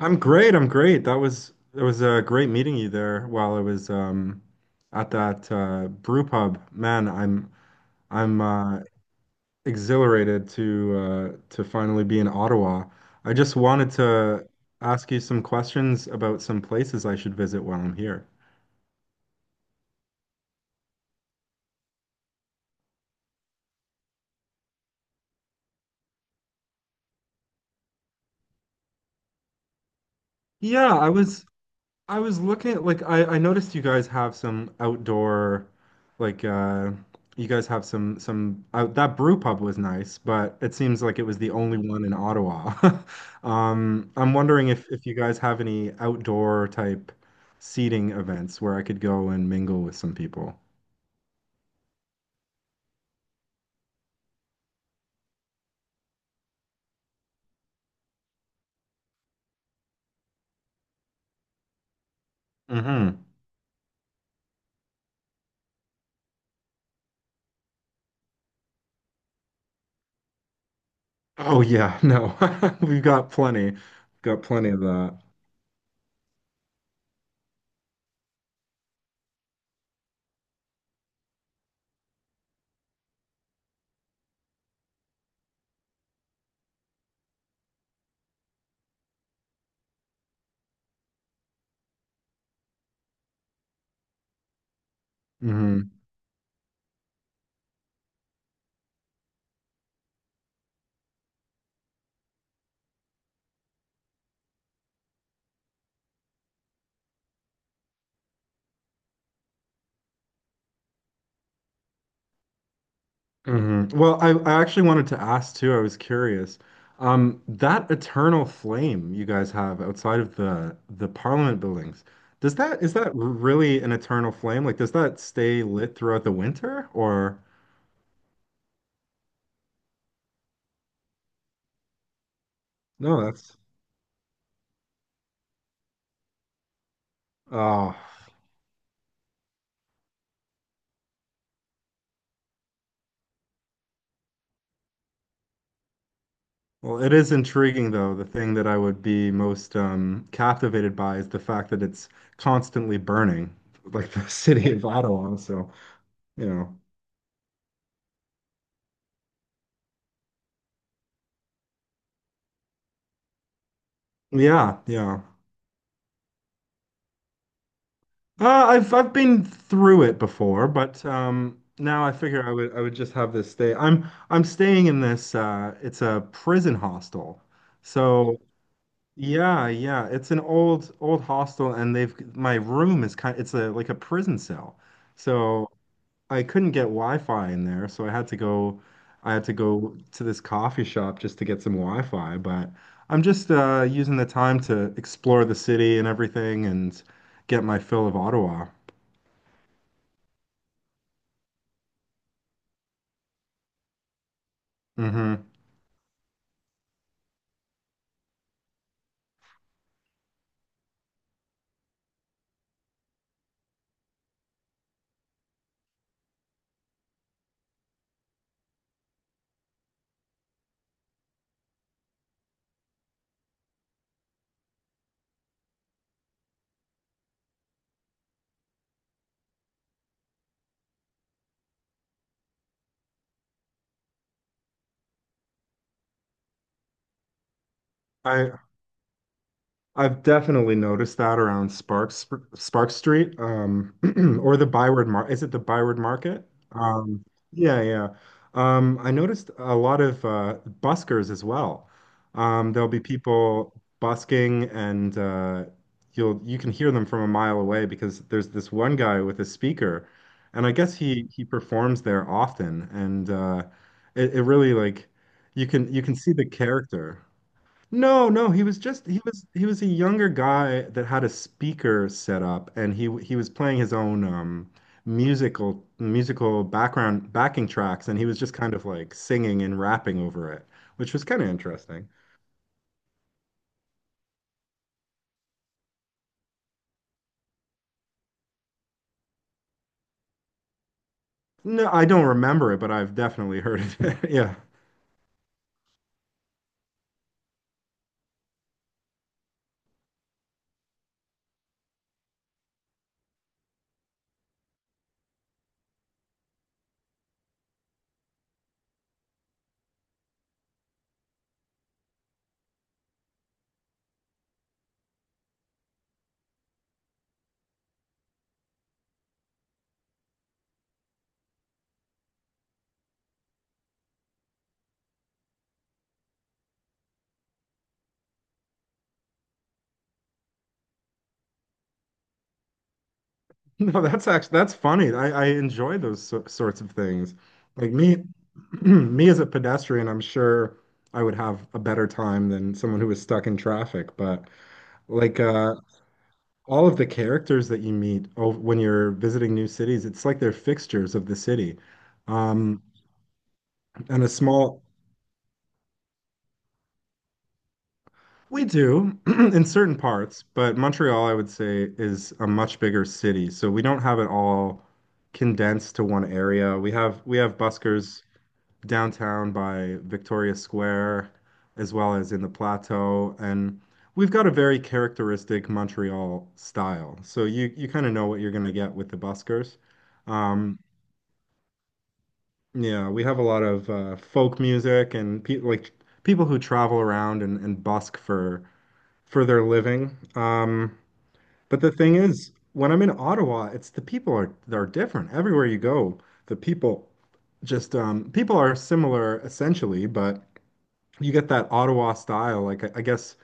I'm great. I'm great. That was it was a great meeting you there while I was at that brew pub. Man, I'm exhilarated to finally be in Ottawa. I just wanted to ask you some questions about some places I should visit while I'm here. Yeah, I was looking at like I noticed you guys have some outdoor like you guys have some out that brew pub was nice, but it seems like it was the only one in Ottawa. I'm wondering if you guys have any outdoor type seating events where I could go and mingle with some people. Hmm. Oh yeah, no. We've got plenty. Got plenty of that. Mm-hmm. Hmm. Well, I actually wanted to ask too. I was curious. That eternal flame you guys have outside of the Parliament buildings, does that is that really an eternal flame? Like, does that stay lit throughout the winter? Or no, oh, well, it is intriguing though. The thing that I would be most captivated by is the fact that it's constantly burning, like the city of Ottawa. So, you know, yeah, yeah. I've been through it before, but now I figure I would just have this stay. I'm staying in this. It's a prison hostel, so yeah, yeah. It's an old hostel, and they've my room is kind. It's a like a prison cell, so I couldn't get Wi-Fi in there, so I had to go. I had to go to this coffee shop just to get some Wi-Fi. But I'm just using the time to explore the city and everything, and get my fill of Ottawa. Hmm. I I've definitely noticed that around Spark Street, or the Byward Mar. Is it the Byward Market? Yeah, yeah. I noticed a lot of buskers as well. There'll be people busking, and you can hear them from a mile away because there's this one guy with a speaker, and I guess he performs there often, and it, it really like you can see the character. No, no, he was just he was a younger guy that had a speaker set up and he was playing his own musical background backing tracks and he was just kind of like singing and rapping over it, which was kind of interesting. No, I don't remember it, but I've definitely heard it. Yeah. No, that's actually that's funny. I enjoy those sorts of things. Like me me as a pedestrian, I'm sure I would have a better time than someone who was stuck in traffic, but like uh all of the characters that you meet oh, when you're visiting new cities, it's like they're fixtures of the city. Um, and a small, we do in certain parts, but Montreal, I would say, is a much bigger city. So we don't have it all condensed to one area. We have buskers downtown by Victoria Square, as well as in the plateau, and we've got a very characteristic Montreal style. So you kind of know what you're going to get with the buskers. Um, Yeah, we have a lot of folk music and pe like people who travel around and busk for their living. But the thing is, when I'm in Ottawa, it's the people are they're different. Everywhere you go, the people just people are similar essentially, but you get that Ottawa style. Like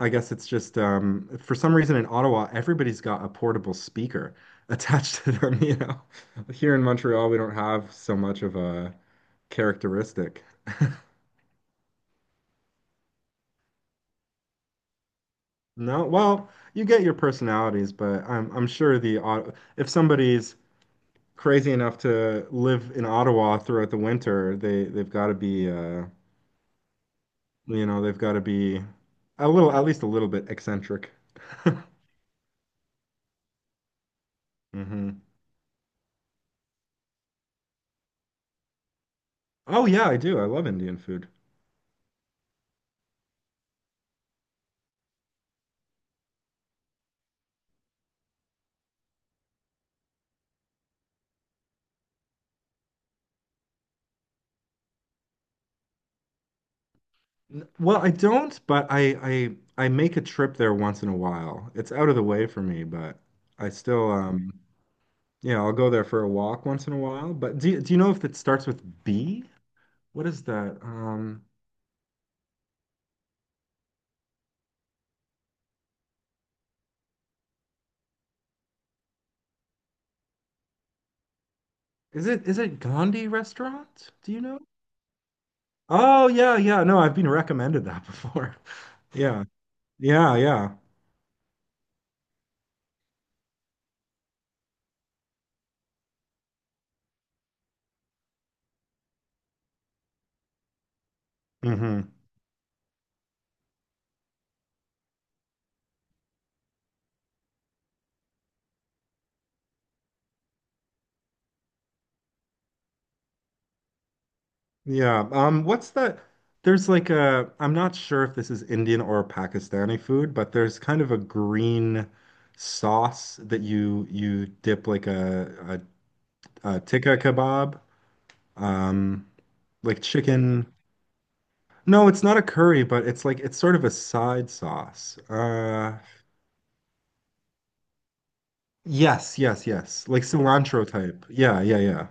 I guess it's just for some reason in Ottawa, everybody's got a portable speaker attached to them, you know. Here in Montreal, we don't have so much of a characteristic. No, well, you get your personalities, but I'm sure if somebody's crazy enough to live in Ottawa throughout the winter, they've got to be you know, they've got to be a little at least a little bit eccentric. hmm. Oh yeah, I do. I love Indian food. N- Well, I don't, but I I make a trip there once in a while. It's out of the way for me, but I still yeah, I'll go there for a walk once in a while. But do you know if it starts with B? What is that? Um, is it Gandhi Restaurant? Do you know? Oh yeah, yeah. No, I've been recommended that before. Yeah. Yeah, yeah. Hmm. Yeah. What's that? There's like I'm not sure if this is Indian or Pakistani food, but there's kind of a green sauce that you dip like a tikka kebab, um, like chicken. No, it's not a curry, but it's like it's sort of a side sauce. Yes, yes, yes. Like cilantro type. Yeah, yeah, yeah.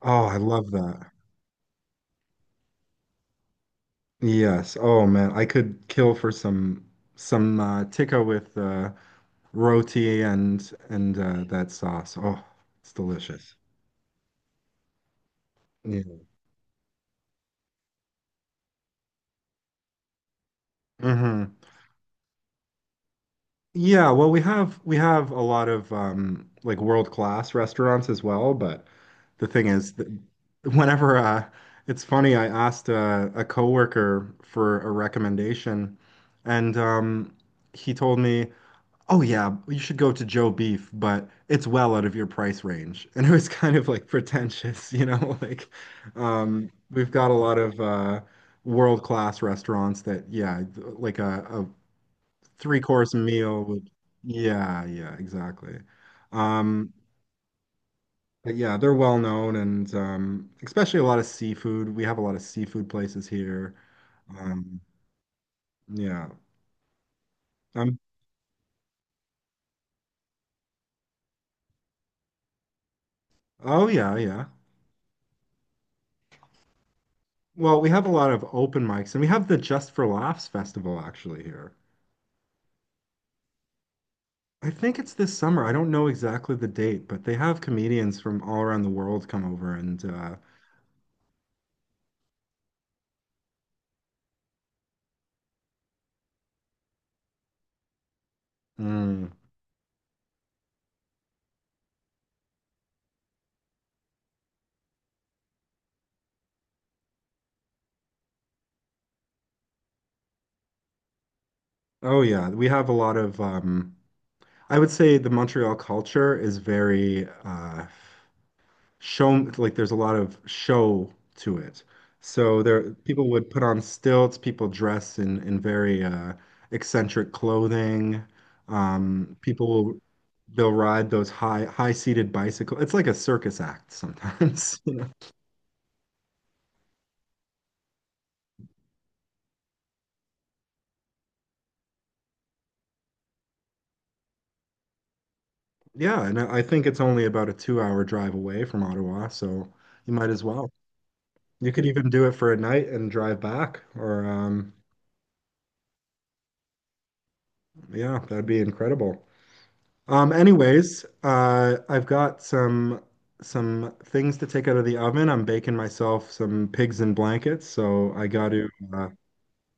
Oh, I love that. Yes. Oh man, I could kill for some tikka with roti and that sauce. Oh, it's delicious. Yeah. Hmm. Yeah, well, we have a lot of like world-class restaurants as well, but the thing is that whenever it's funny, I asked a coworker for a recommendation and he told me, "Oh yeah, you should go to Joe Beef, but it's well out of your price range." And it was kind of like pretentious, you know, like we've got a lot of world-class restaurants that yeah, like three course meal would yeah yeah exactly. Um, but yeah, they're well known, and um, especially a lot of seafood. We have a lot of seafood places here. Um, yeah. Um, oh yeah, yeah. Well, we have a lot of open mics, and we have the Just for Laughs festival actually here. I think it's this summer. I don't know exactly the date, but they have comedians from all around the world come over, and mm, oh yeah, we have a lot of I would say the Montreal culture is very show. Like there's a lot of show to it. So there people would put on stilts, people dress in very eccentric clothing. People will they'll ride those high-seated bicycle. It's like a circus act sometimes. you know? Yeah, and I think it's only about a two-hour drive away from Ottawa, so you might as well. You could even do it for a night and drive back, or yeah, that'd be incredible. Anyways, I've got some things to take out of the oven. I'm baking myself some pigs in blankets, so I got to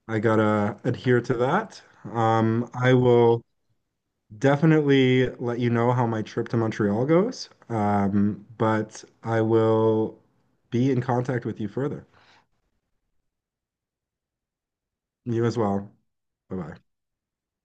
I gotta adhere to that. I will definitely let you know how my trip to Montreal goes. But I will be in contact with you further. You as well. Bye bye.